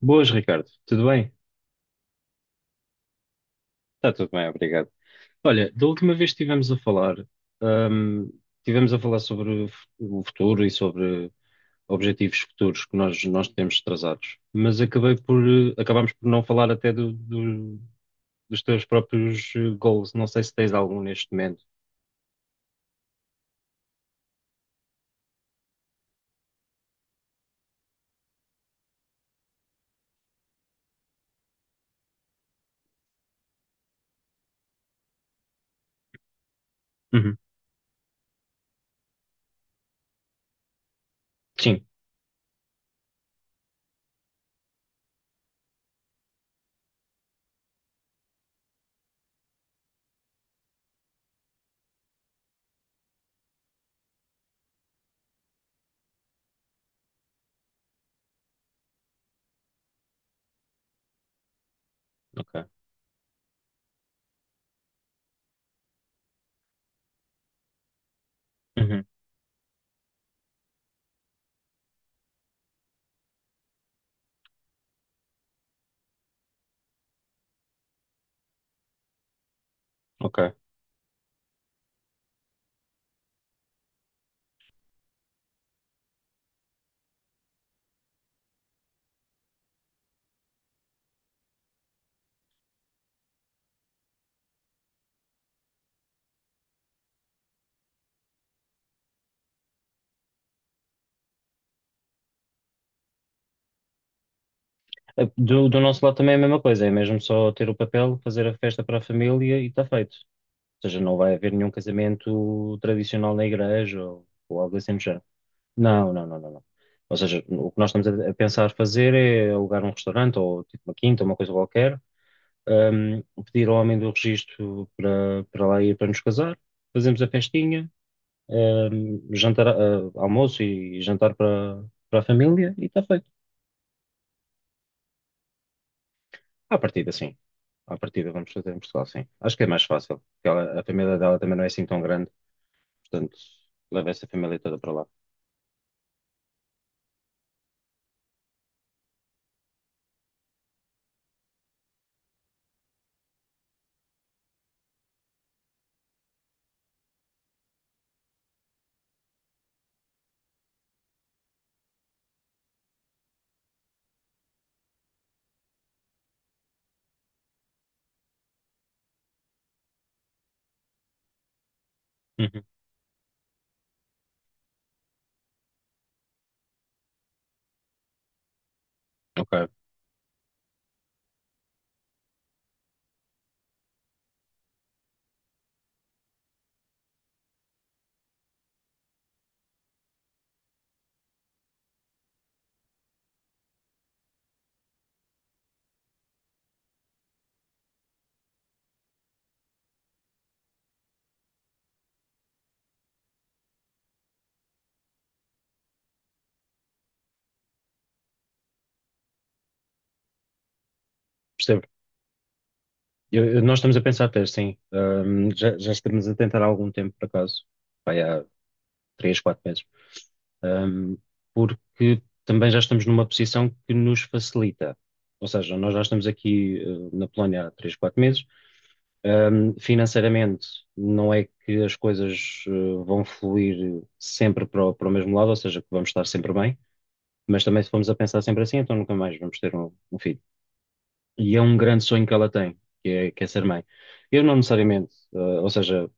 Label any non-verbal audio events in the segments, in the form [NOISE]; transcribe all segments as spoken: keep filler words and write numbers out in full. Boas, Ricardo. Tudo bem? Está tudo bem, obrigado. Olha, da última vez que estivemos a falar, hum, estivemos a falar sobre o fu- o futuro e sobre objetivos futuros que nós, nós temos traçados, mas acabei por, eh, acabámos por não falar até do- do- dos teus próprios eh, goals. Não sei se tens algum neste momento. Uhum. Sim, ok. Uhum. Ok. Eh, Do, do nosso lado também é a mesma coisa, é mesmo só ter o papel, fazer a festa para a família e está feito. Ou seja, não vai haver nenhum casamento tradicional na igreja ou, ou algo assim do género. Não, não, não, não, não. Ou seja, o que nós estamos a a pensar fazer é alugar um restaurante ou tipo uma quinta, uma coisa qualquer, hum, pedir ao homem do registro para, para lá ir para nos casar, fazemos a festinha, hum, jantar, ah, almoço e jantar para, para a família e está feito. À partida, sim. À partida vamos fazer em Portugal, sim. Acho que é mais fácil, porque ela- a família dela também não é assim tão grande, portanto, leva essa família toda para lá. Uhum. Ok, percebo. Eu- eu- nós estamos a pensar ter, sim. Ahm, já, já estamos a tentar há algum tempo, por acaso. Vai há três, quatro meses. Ahm, porque também já estamos numa posição que nos facilita. Ou seja, nós já estamos aqui, eh, na Polónia há três, quatro meses. Ahm, financeiramente, não é que as coisas, eh, vão fluir sempre para o, para o mesmo lado, ou seja, que vamos estar sempre bem. Mas também se formos a pensar sempre assim, então nunca mais vamos ter um, um filho. E é um grande sonho que ela tem, que é, que é ser mãe. Eu não necessariamente, eh, ou seja,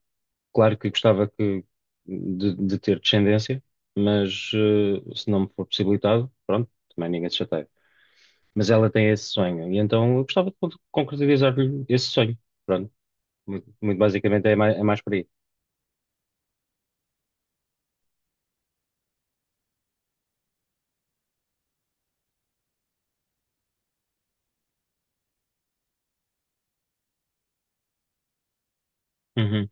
claro que gostava que, de, de ter descendência, mas eh, se não me for possibilitado, pronto, também ninguém se chateia. Mas ela tem esse sonho, e então eu gostava de con- concretizar-lhe esse sonho. Pronto, muito, muito basicamente é mais, é mais por aí. Uhum,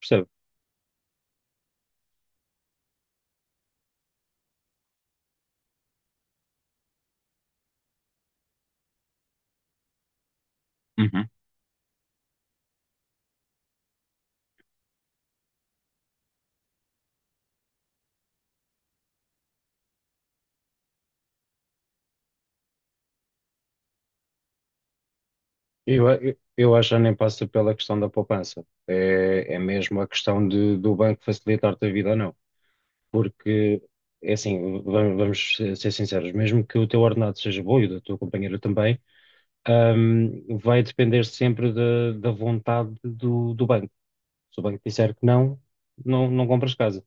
percebo. Uhum. Eu, a- eu, eu acho que já nem passa pela questão da poupança. É, é mesmo a questão de, do banco facilitar-te a vida ou não. Porque, é assim, vamos, vamos ser ser sinceros, mesmo que o teu ordenado seja bom e o da tua companheira também, ahm, vai depender sempre da, da vontade do, do banco. Se o banco disser que não, não, não compras casa.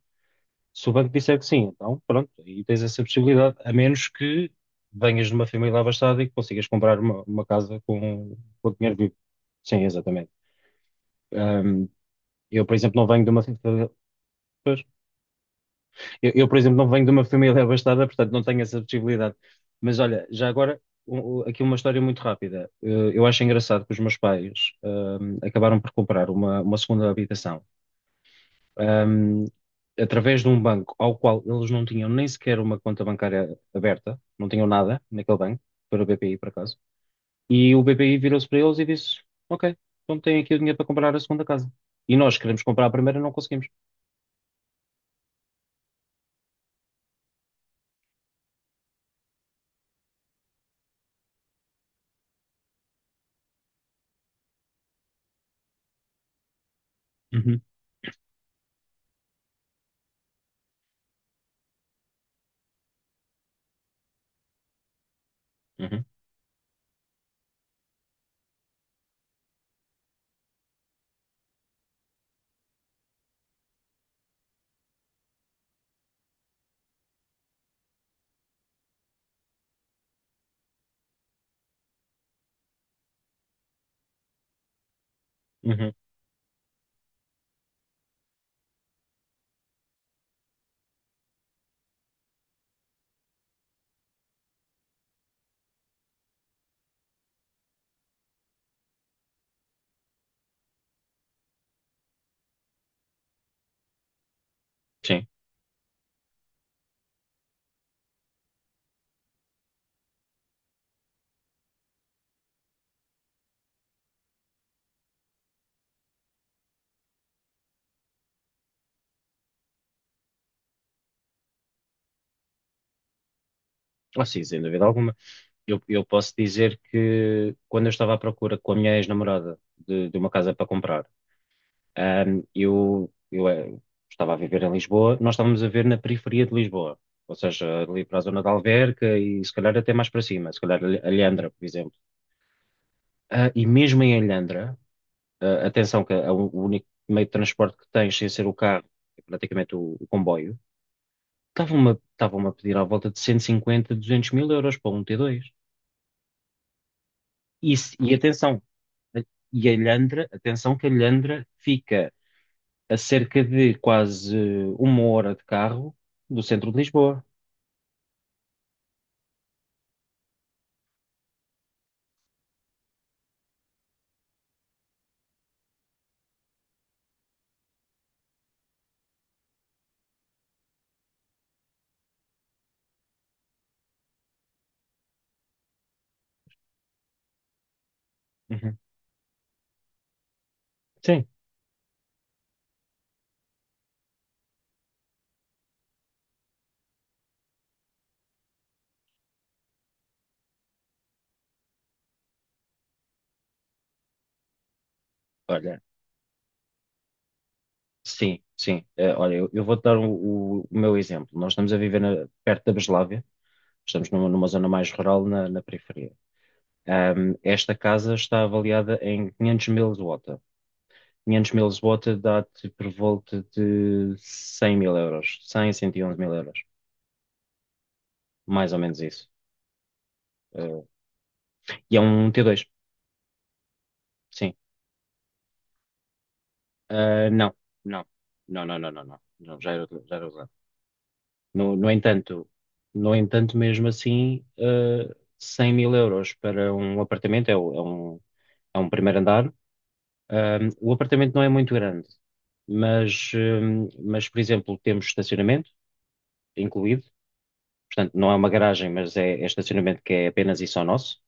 Se o banco disser que sim, então pronto, aí tens essa possibilidade, a menos que venhas de uma família abastada e que consigas comprar uma, uma casa com, com dinheiro vivo. Sim, exatamente. Ahm, eu, por exemplo, não venho de uma fa- Eu, eu, por exemplo, não venho de uma família [LAUGHS] abastada, portanto não tenho essa possibilidade. Mas olha, já agora, um- um- aqui uma história muito rápida. Eu, eu acho engraçado que os meus pais hum, acabaram por comprar uma, uma segunda habitação hum, através de um banco ao qual eles não tinham nem sequer uma conta bancária aberta, não tinham nada naquele banco, para o B P I, por acaso. E o B P I virou-se para eles e disse: Ok, então têm aqui o dinheiro para comprar a segunda casa. E nós queremos comprar a primeira e não conseguimos. Uhum, uhum, uhum. Sim. Ah, sim, sem dúvida alguma. Eu, eu posso dizer que quando eu estava à procura com a minha ex-namorada de, de uma casa para comprar, ahm, eu, eu eh, estava a viver em Lisboa, nós estávamos a ver na periferia de Lisboa, ou seja, ali para a zona de Alverca e se calhar até mais para cima, se calhar Al- Alhandra, por exemplo. Ah, e mesmo em Alhandra, ah, atenção que é o o único meio de transporte que tens sem ser o carro, é praticamente o, o comboio, estavam-me a- estavam-me a pedir à volta de cento e cinquenta, duzentos mil euros para um T dois. E, se- e atenção, e a Ilhandra, atenção que a Ilhandra fica a cerca de quase uma hora de carro do centro de Lisboa. Uhum. Sim, olha, sim, sim. Eh, olha, eu, eu vou-te dar o, o- o meu exemplo. Nós estamos a viver na- perto da Breslávia, estamos numa, numa zona mais rural na, na periferia. Ahm, esta casa está avaliada em quinhentos mil zloty. Quinhentos mil zloty dá-te por volta de cem mil euros, cem cento e onze mil euros, mais ou menos isso. Eh, e é um t dois. Sim. Ah, não, não, não, não, não, não, não, não, já era, já era usado. No, no entanto, no entanto, mesmo assim, ah, cem mil euros para um apartamento é, o- é um, é um primeiro andar. Ah, o apartamento não é muito grande, mas, hum, mas, por exemplo, temos estacionamento incluído, portanto, não é uma garagem, mas é, é estacionamento que é apenas e só nosso.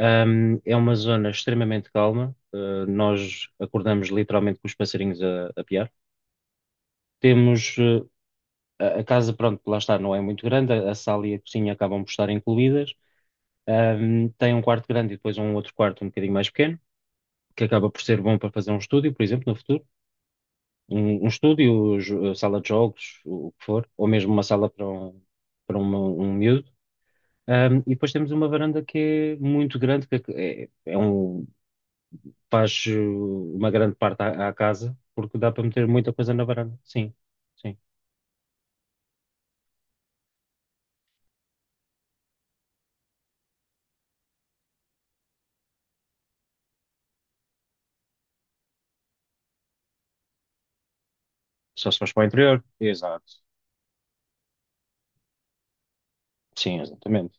Um, é uma zona extremamente calma. Uh, nós acordamos literalmente com os passarinhos a, a piar. Temos, uh, A, a casa, pronto, lá está, não é muito grande, a, a sala e a, cozinha acabam por estar incluídas. Ahm, tem um quarto grande e depois um outro quarto um bocadinho mais pequeno, que acaba por ser bom para fazer um estúdio, por exemplo, no futuro. Um, um estúdio, jo- sala de jogos, o, o que for, ou mesmo uma sala para um, para uma- um miúdo. Ahm, e depois temos uma varanda que é muito grande, que é, é é um, faz eh, uma grande parte à, à casa, porque dá para meter muita coisa na varanda. Sim, sim. Só se faz para o interior. Exato. Sim, exatamente.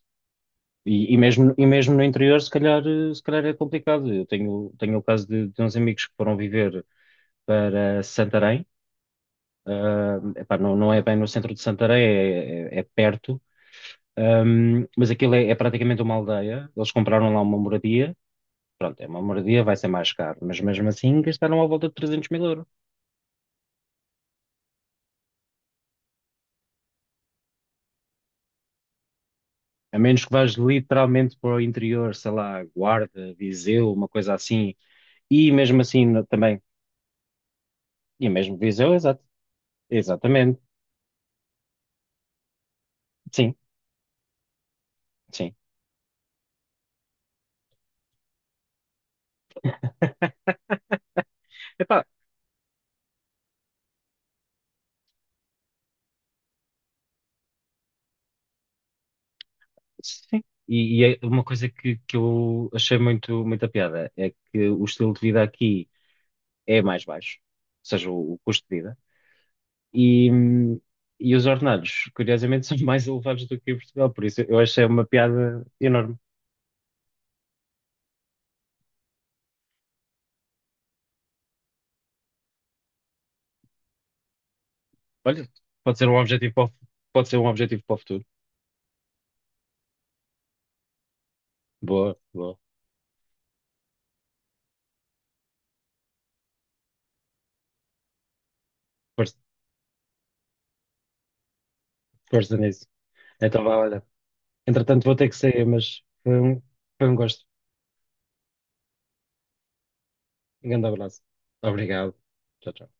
E, e mesmo, e mesmo no interior, se calhar, eh, se calhar é complicado. Eu tenho, tenho o caso de, de uns amigos que foram viver para Santarém. Ah, epá, não, não é bem no centro de Santarém, é, é- é perto, Ahm, mas aquilo é, é praticamente uma aldeia. Eles compraram lá uma moradia. Pronto, é uma moradia, vai ser mais caro, mas mesmo assim gastaram à volta de trezentos mil euros. A menos que vás literalmente para o interior, sei lá, Guarda, Viseu, uma coisa assim, e mesmo assim no- também, e mesmo Viseu, exato, exatamente, sim. Sim, epá, sim. E, e é uma coisa que, que eu achei muito, muita piada é que o estilo de vida aqui é mais baixo, ou seja, o, o custo de vida, e, hum, e os ordenados, curiosamente, [LAUGHS] são mais elevados do que em Portugal, por isso eu achei uma piada enorme. Olha, pode ser um objetivo para o, fu- pode ser um objetivo para o futuro. Boa, boa. Força, força nisso. Então, vá, olha. Entretanto, vou ter que sair, mas foi um, foi um gosto. Um grande abraço. Obrigado. Tchau, tchau.